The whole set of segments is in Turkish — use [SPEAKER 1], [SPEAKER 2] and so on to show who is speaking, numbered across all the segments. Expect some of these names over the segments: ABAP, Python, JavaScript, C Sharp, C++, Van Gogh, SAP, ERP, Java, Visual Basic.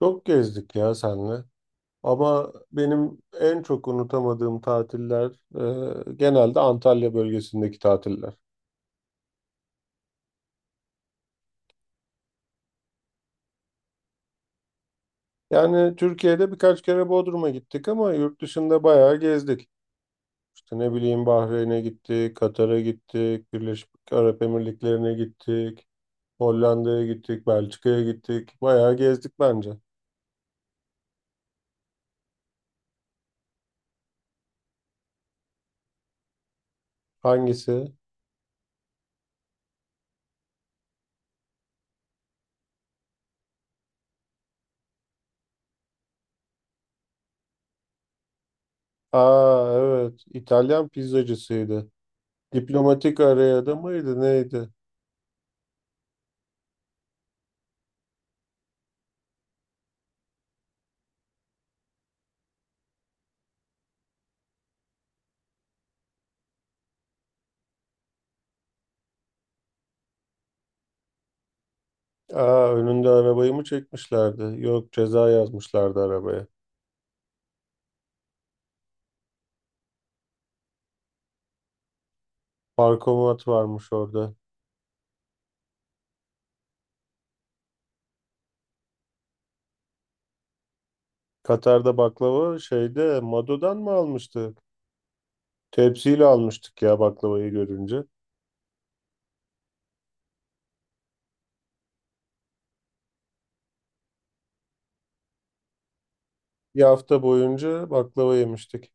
[SPEAKER 1] Çok gezdik ya senle. Ama benim en çok unutamadığım tatiller genelde Antalya bölgesindeki tatiller. Yani Türkiye'de birkaç kere Bodrum'a gittik ama yurt dışında bayağı gezdik. İşte ne bileyim Bahreyn'e gittik, Katar'a gittik, Birleşik Arap Emirlikleri'ne gittik, Hollanda'ya gittik, Belçika'ya gittik. Bayağı gezdik bence. Hangisi? Aa evet, İtalyan pizzacısıydı. Diplomatik araya da mıydı neydi? Aa, önünde arabayı mı çekmişlerdi? Yok ceza yazmışlardı arabaya. Parkomat varmış orada. Katar'da baklava şeyde Mado'dan mı almıştık? Tepsiyle almıştık ya baklavayı görünce. Bir hafta boyunca baklava yemiştik.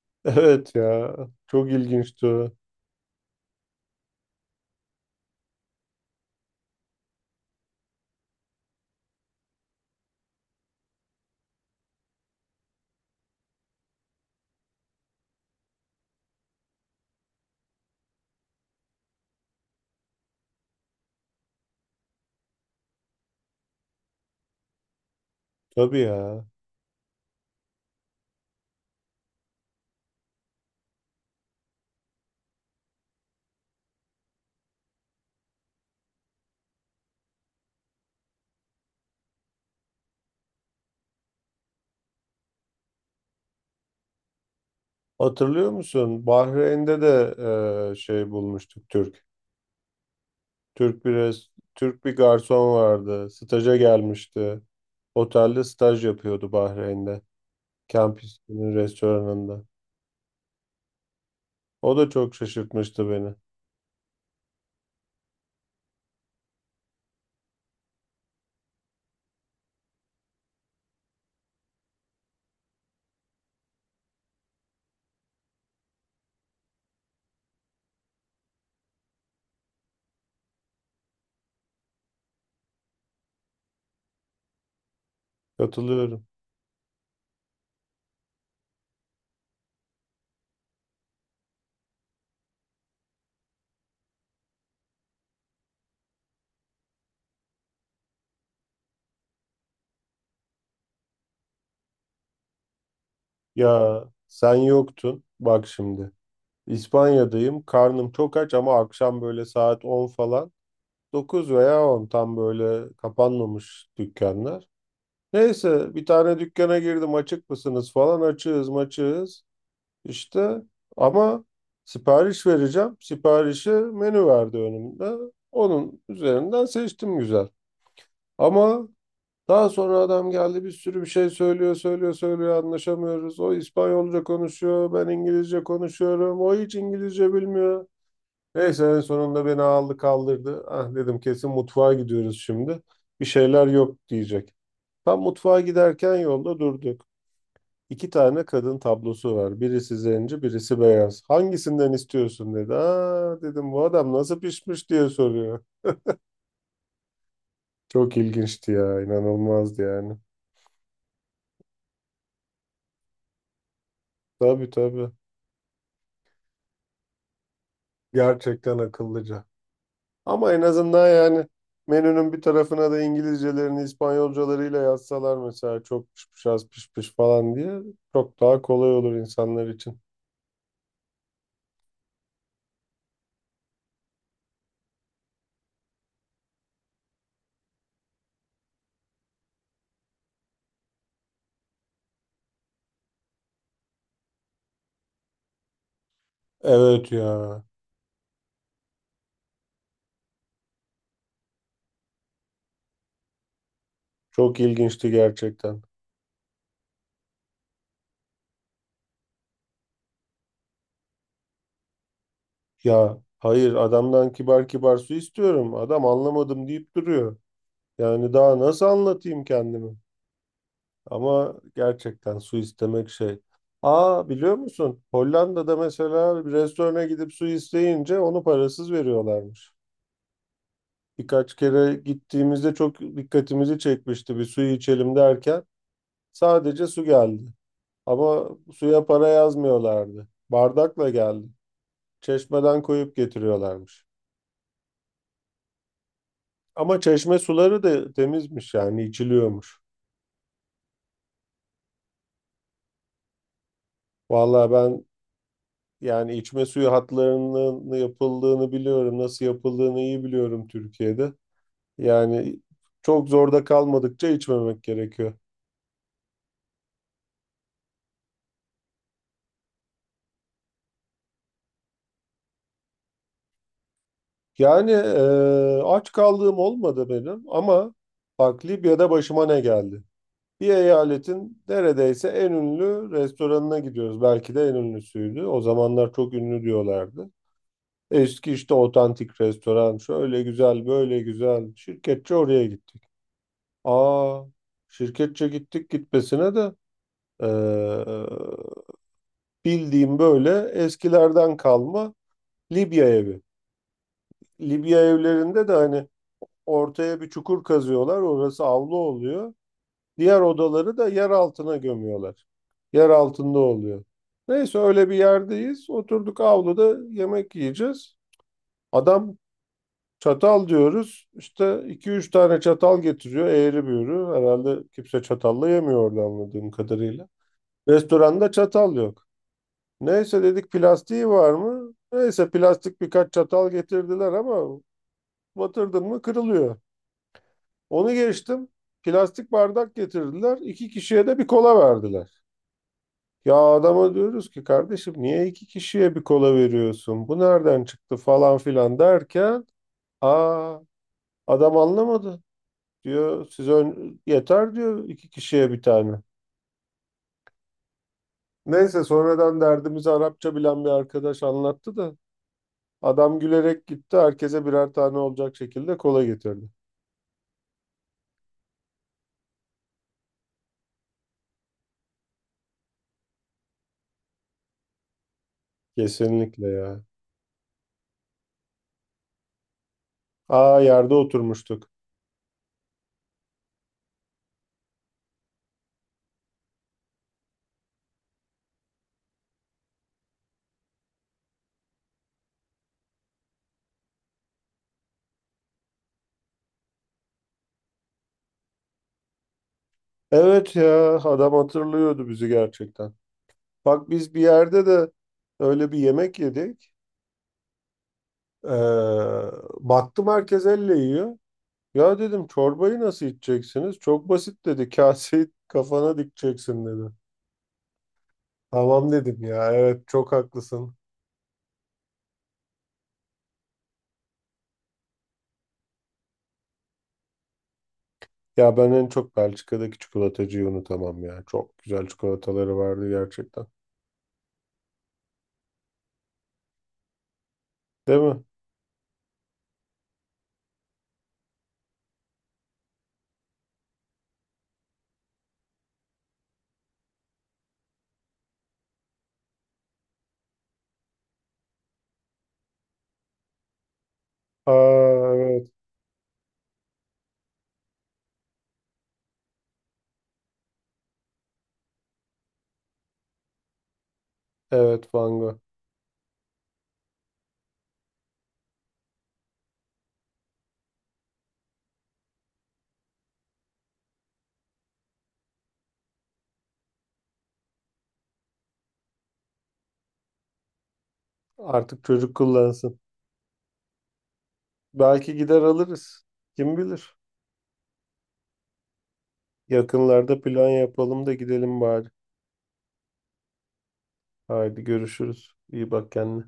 [SPEAKER 1] Evet ya, çok ilginçti o. Tabii ya. Hatırlıyor musun? Bahreyn'de de şey bulmuştuk Türk. Türk bir garson vardı. Staja gelmişti. Otelde staj yapıyordu Bahreyn'de. Kampüsünün restoranında. O da çok şaşırtmıştı beni. Katılıyorum. Ya sen yoktun. Bak şimdi. İspanya'dayım. Karnım çok aç ama akşam böyle saat 10 falan, 9 veya on, tam böyle kapanmamış dükkanlar. Neyse bir tane dükkana girdim. Açık mısınız falan. Açığız maçığız. İşte ama sipariş vereceğim. Siparişi menü verdi önümde. Onun üzerinden seçtim güzel. Ama daha sonra adam geldi bir sürü bir şey söylüyor, anlaşamıyoruz. O İspanyolca konuşuyor, ben İngilizce konuşuyorum. O hiç İngilizce bilmiyor. Neyse en sonunda beni aldı kaldırdı. Ah dedim kesin mutfağa gidiyoruz şimdi. Bir şeyler yok diyecek. Tam mutfağa giderken yolda durduk. İki tane kadın tablosu var. Birisi zenci, birisi beyaz. Hangisinden istiyorsun dedi. Aa dedim bu adam nasıl pişmiş diye soruyor. Çok ilginçti ya, inanılmazdı yani. Tabii tabii. Gerçekten akıllıca. Ama en azından yani menünün bir tarafına da İngilizcelerini İspanyolcalarıyla yazsalar mesela çok piş piş az piş piş falan diye çok daha kolay olur insanlar için. Evet ya. Çok ilginçti gerçekten. Ya hayır, adamdan kibar kibar su istiyorum. Adam anlamadım deyip duruyor. Yani daha nasıl anlatayım kendimi? Ama gerçekten su istemek şey. Aa, biliyor musun? Hollanda'da mesela bir restorana gidip su isteyince onu parasız veriyorlarmış. Birkaç kere gittiğimizde çok dikkatimizi çekmişti, bir suyu içelim derken sadece su geldi. Ama suya para yazmıyorlardı. Bardakla geldi. Çeşmeden koyup getiriyorlarmış. Ama çeşme suları da temizmiş, yani içiliyormuş. Vallahi ben, yani içme suyu hatlarının yapıldığını biliyorum. Nasıl yapıldığını iyi biliyorum Türkiye'de. Yani çok zorda kalmadıkça içmemek gerekiyor. Yani aç kaldığım olmadı benim ama bak Libya'da başıma ne geldi? Bir eyaletin neredeyse en ünlü restoranına gidiyoruz. Belki de en ünlüsüydü. O zamanlar çok ünlü diyorlardı. Eski işte otantik restoran şöyle güzel böyle güzel şirketçi oraya gittik. Aa, şirketçe gittik gitmesine de eee, bildiğim böyle eskilerden kalma Libya evi. Libya evlerinde de hani ortaya bir çukur kazıyorlar, orası avlu oluyor. Diğer odaları da yer altına gömüyorlar. Yer altında oluyor. Neyse öyle bir yerdeyiz. Oturduk avluda yemek yiyeceğiz. Adam çatal diyoruz. İşte iki üç tane çatal getiriyor eğri büğrü. Herhalde kimse çatalla yemiyor orada anladığım kadarıyla. Restoranda çatal yok. Neyse dedik plastiği var mı? Neyse plastik birkaç çatal getirdiler ama batırdın mı kırılıyor. Onu geçtim. Plastik bardak getirdiler. İki kişiye de bir kola verdiler. Ya adama diyoruz ki kardeşim niye iki kişiye bir kola veriyorsun? Bu nereden çıktı falan filan derken aa adam anlamadı. Diyor yeter diyor iki kişiye bir tane. Neyse sonradan derdimizi Arapça bilen bir arkadaş anlattı da adam gülerek gitti. Herkese birer tane olacak şekilde kola getirdi. Kesinlikle ya. Aa yerde oturmuştuk. Evet ya, adam hatırlıyordu bizi gerçekten. Bak biz bir yerde de öyle bir yemek yedik. Ee, baktım herkes elle yiyor. Ya dedim çorbayı nasıl içeceksiniz? Çok basit dedi. Kaseyi kafana dikeceksin dedi. Tamam dedim ya, evet çok haklısın. Ya ben en çok Belçika'daki çikolatacıyı unutamam ya. Çok güzel çikolataları vardı gerçekten. Değil mi? Aa, evet. Evet, Van Gogh. Artık çocuk kullansın. Belki gider alırız. Kim bilir? Yakınlarda plan yapalım da gidelim bari. Haydi görüşürüz. İyi bak kendine.